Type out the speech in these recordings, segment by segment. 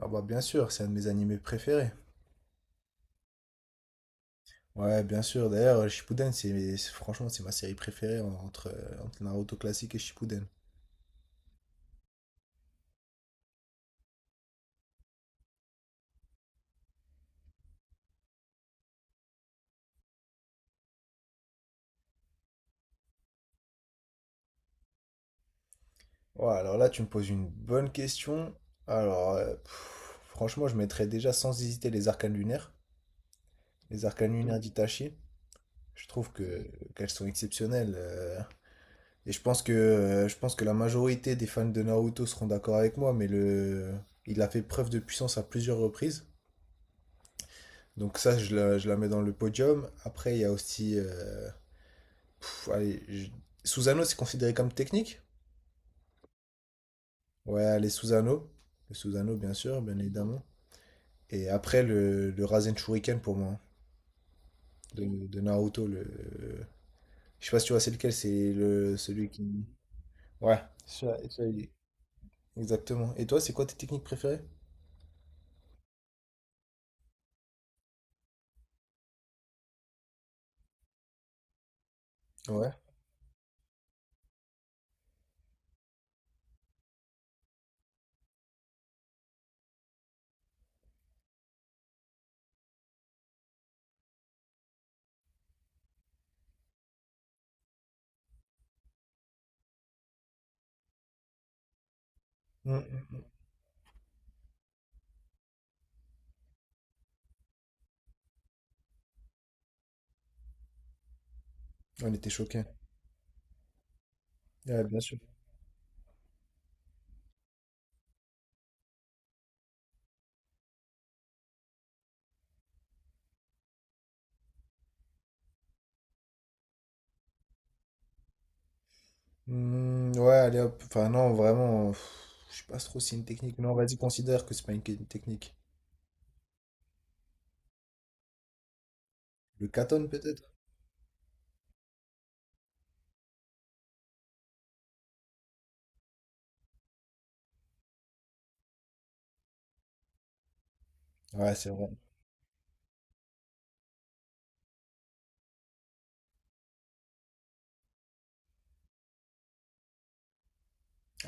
Ah bah bien sûr, c'est un de mes animés préférés. Ouais, bien sûr. D'ailleurs, Shippuden, franchement, c'est ma série préférée entre, entre Naruto classique et Shippuden. Ouais, alors là, tu me poses une bonne question. Alors, pff, franchement, je mettrais déjà sans hésiter les arcanes lunaires d'Itachi. Je trouve que qu'elles sont exceptionnelles. Et je pense que la majorité des fans de Naruto seront d'accord avec moi, mais le il a fait preuve de puissance à plusieurs reprises. Donc ça, je la mets dans le podium. Après, il y a aussi... pff, allez, je- Susano, c'est considéré comme technique? Ouais, les Susano. Le Susano, bien sûr, bien évidemment. Et après, le Rasen Shuriken pour moi, hein, de Naruto. Le... Je sais pas si tu vois, c'est lequel, c'est le, celui qui... Ouais, celui-là, exactement. Et toi, c'est quoi tes techniques préférées? Ouais. Mm, mm, mm. On était choqués. Ouais, bien sûr. Hmm, ouais, allez hop. Enfin, non, vraiment, pff, je sais pas trop si c'est une technique. Non, vas-y, considère que c'est pas une technique. Le katon peut-être? Ouais, c'est vrai.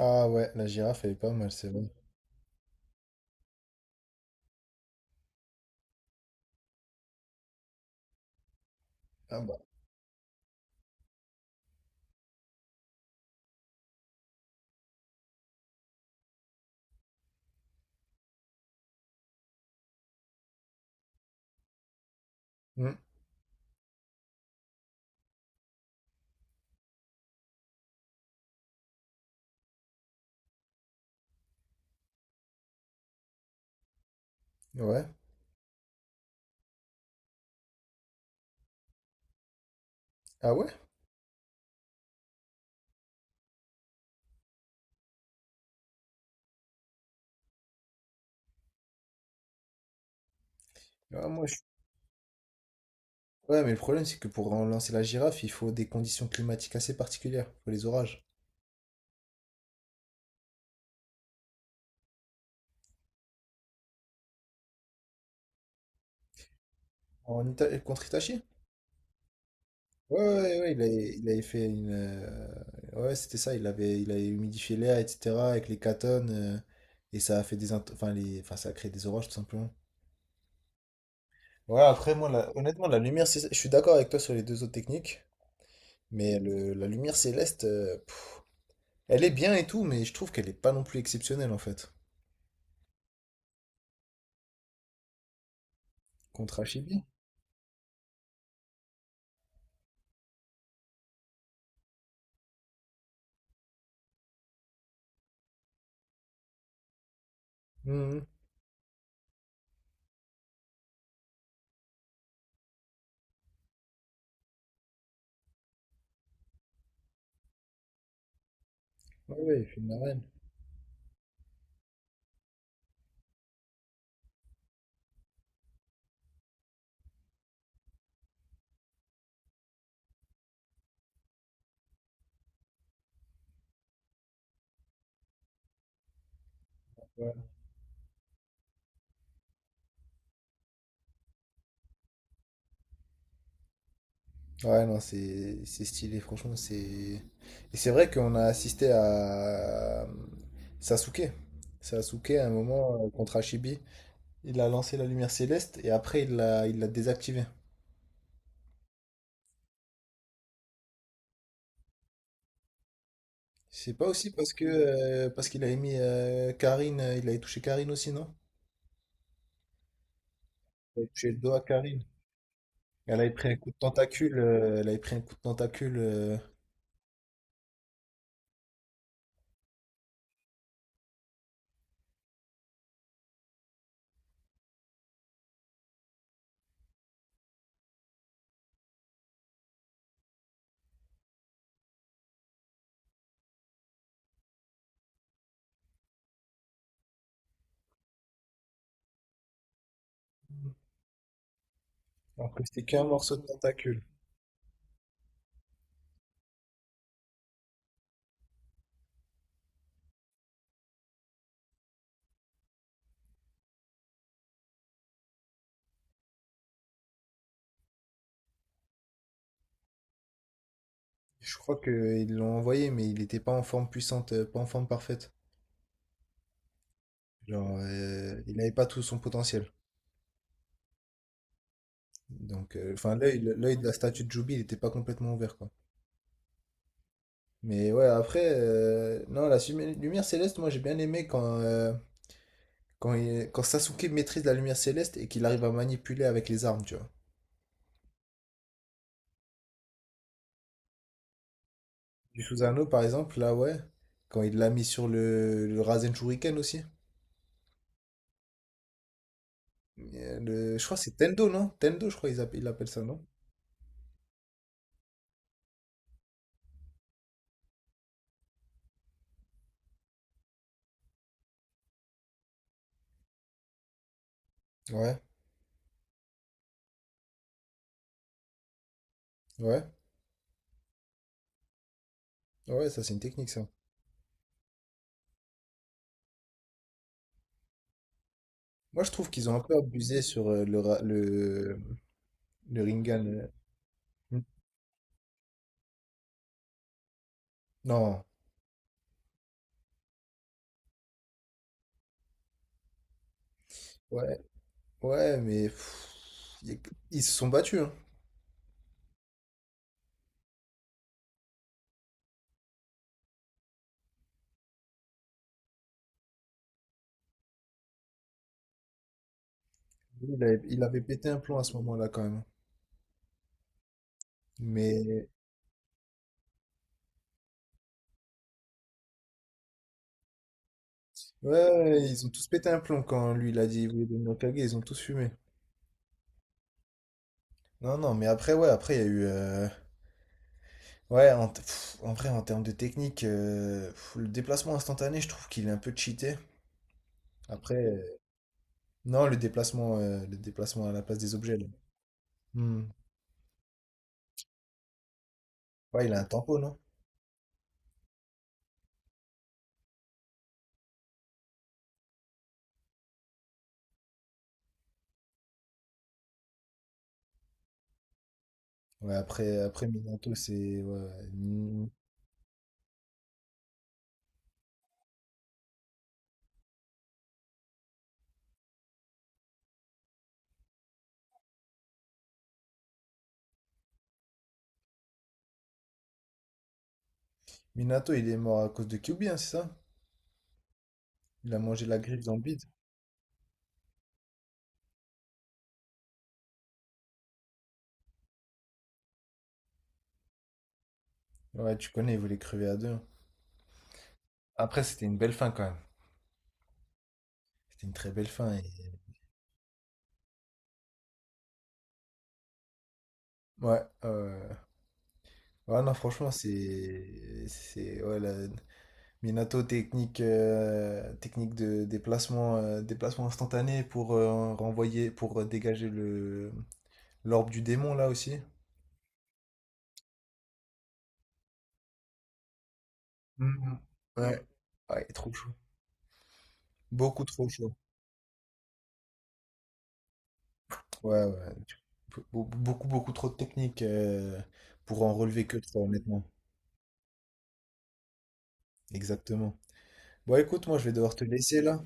Ah ouais, la girafe, elle est pas mal, c'est vrai. Ah bah. Hmm. Ouais. Ah ouais? Ah, moi, je... Ouais, mais le problème, c'est que pour lancer la girafe, il faut des conditions climatiques assez particulières. Il faut les orages. En Ita- Contre Itachi? Ouais, ouais, ouais, il avait fait une. Ouais, c'était ça, il avait humidifié l'air, etc., avec les catones, et ça a fait des. Int- Enfin, les... enfin, ça a créé des orages, tout simplement. Ouais, après, moi, la- honnêtement, la lumière, cé- je suis d'accord avec toi sur les deux autres techniques, mais le- la lumière céleste, pff, elle est bien et tout, mais je trouve qu'elle est pas non plus exceptionnelle en fait. Contre Hachibi. Mhm. Ouais, ouais, il fait une arène. Ouais, ouais, non, c'est stylé, franchement, c'est. Et c'est vrai qu'on a assisté à Sasuke. Sasuke, à un moment, contre Hachibi, il a lancé la lumière céleste et après, il l'a désactivée. C'est pas aussi parce que parce qu'il avait mis Karine, il avait touché Karine aussi, non? Il avait touché le dos à Karine. Elle avait pris un coup de tentacule, elle avait pris un coup de tentacule, alors que c'était qu'un morceau de tentacule. Je crois qu'ils l'ont envoyé, mais il n'était pas en forme puissante, pas en forme parfaite. Genre, il n'avait pas tout son potentiel. Donc, enfin, l'œil de la statue de Jubi, il n'était pas complètement ouvert, quoi. Mais ouais, après, non, la sumi- lumière céleste, moi j'ai bien aimé quand, quand, il- quand Sasuke maîtrise la lumière céleste et qu'il arrive à manipuler avec les armes, tu vois. Du Susanoo, par exemple, là, ouais. Quand il l'a mis sur le Rasen Shuriken aussi. Le- je crois que c'est Tendo, non? Tendo, je crois qu'ils appellent, ils l'appellent ça, non? Ouais, ouais, ouais, ça c'est une technique, ça. Moi, je trouve qu'ils ont un peu abusé sur le, Ra- le Rinnegan. Euh. Hmm. Non, ouais, ouais, mais pff, y- ils se sont battus, hein. Lui, il avait, pété un plomb à ce moment-là, quand même. Mais ouais, ouais, ils ont tous pété un plomb quand lui il a dit il voulait devenir Hokage, ils ont tous fumé. Non, non, mais après, ouais, après, il y a eu. Ouais, t- pff, en vrai, en termes de technique, pff, le déplacement instantané, je trouve qu'il est un peu cheaté. Après, non, le déplacement à la place des objets, là. Hmm. Ouais, il a un tempo, non? Ouais, après, après Minato, c'est. Ouais, Min- Minato, il est mort à cause de Kyuubi, hein, c'est ça? Il a mangé la griffe dans le bide. Ouais, tu connais, il voulait crever à deux, hein. Après, c'était une belle fin quand même. C'était une très belle fin. Et- Ouais, ouais, ouais. Ouais, non, franchement, c'est. C'est. Ouais, la- Minato, technique, technique de déplacement, déplacement instantané pour renvoyer, pour dégager le l'orbe du démon, là aussi. Mhm. Ouais. Ouais, trop chaud. Beaucoup trop chaud. Ouais, ouais. Be- be- Beaucoup, beaucoup trop de technique pour en relever que trois, honnêtement. Exactement. Bon, écoute, moi, je vais devoir te laisser, là.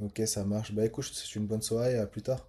Ok, ça marche. Bah, écoute, je te souhaite une bonne soirée, à plus tard.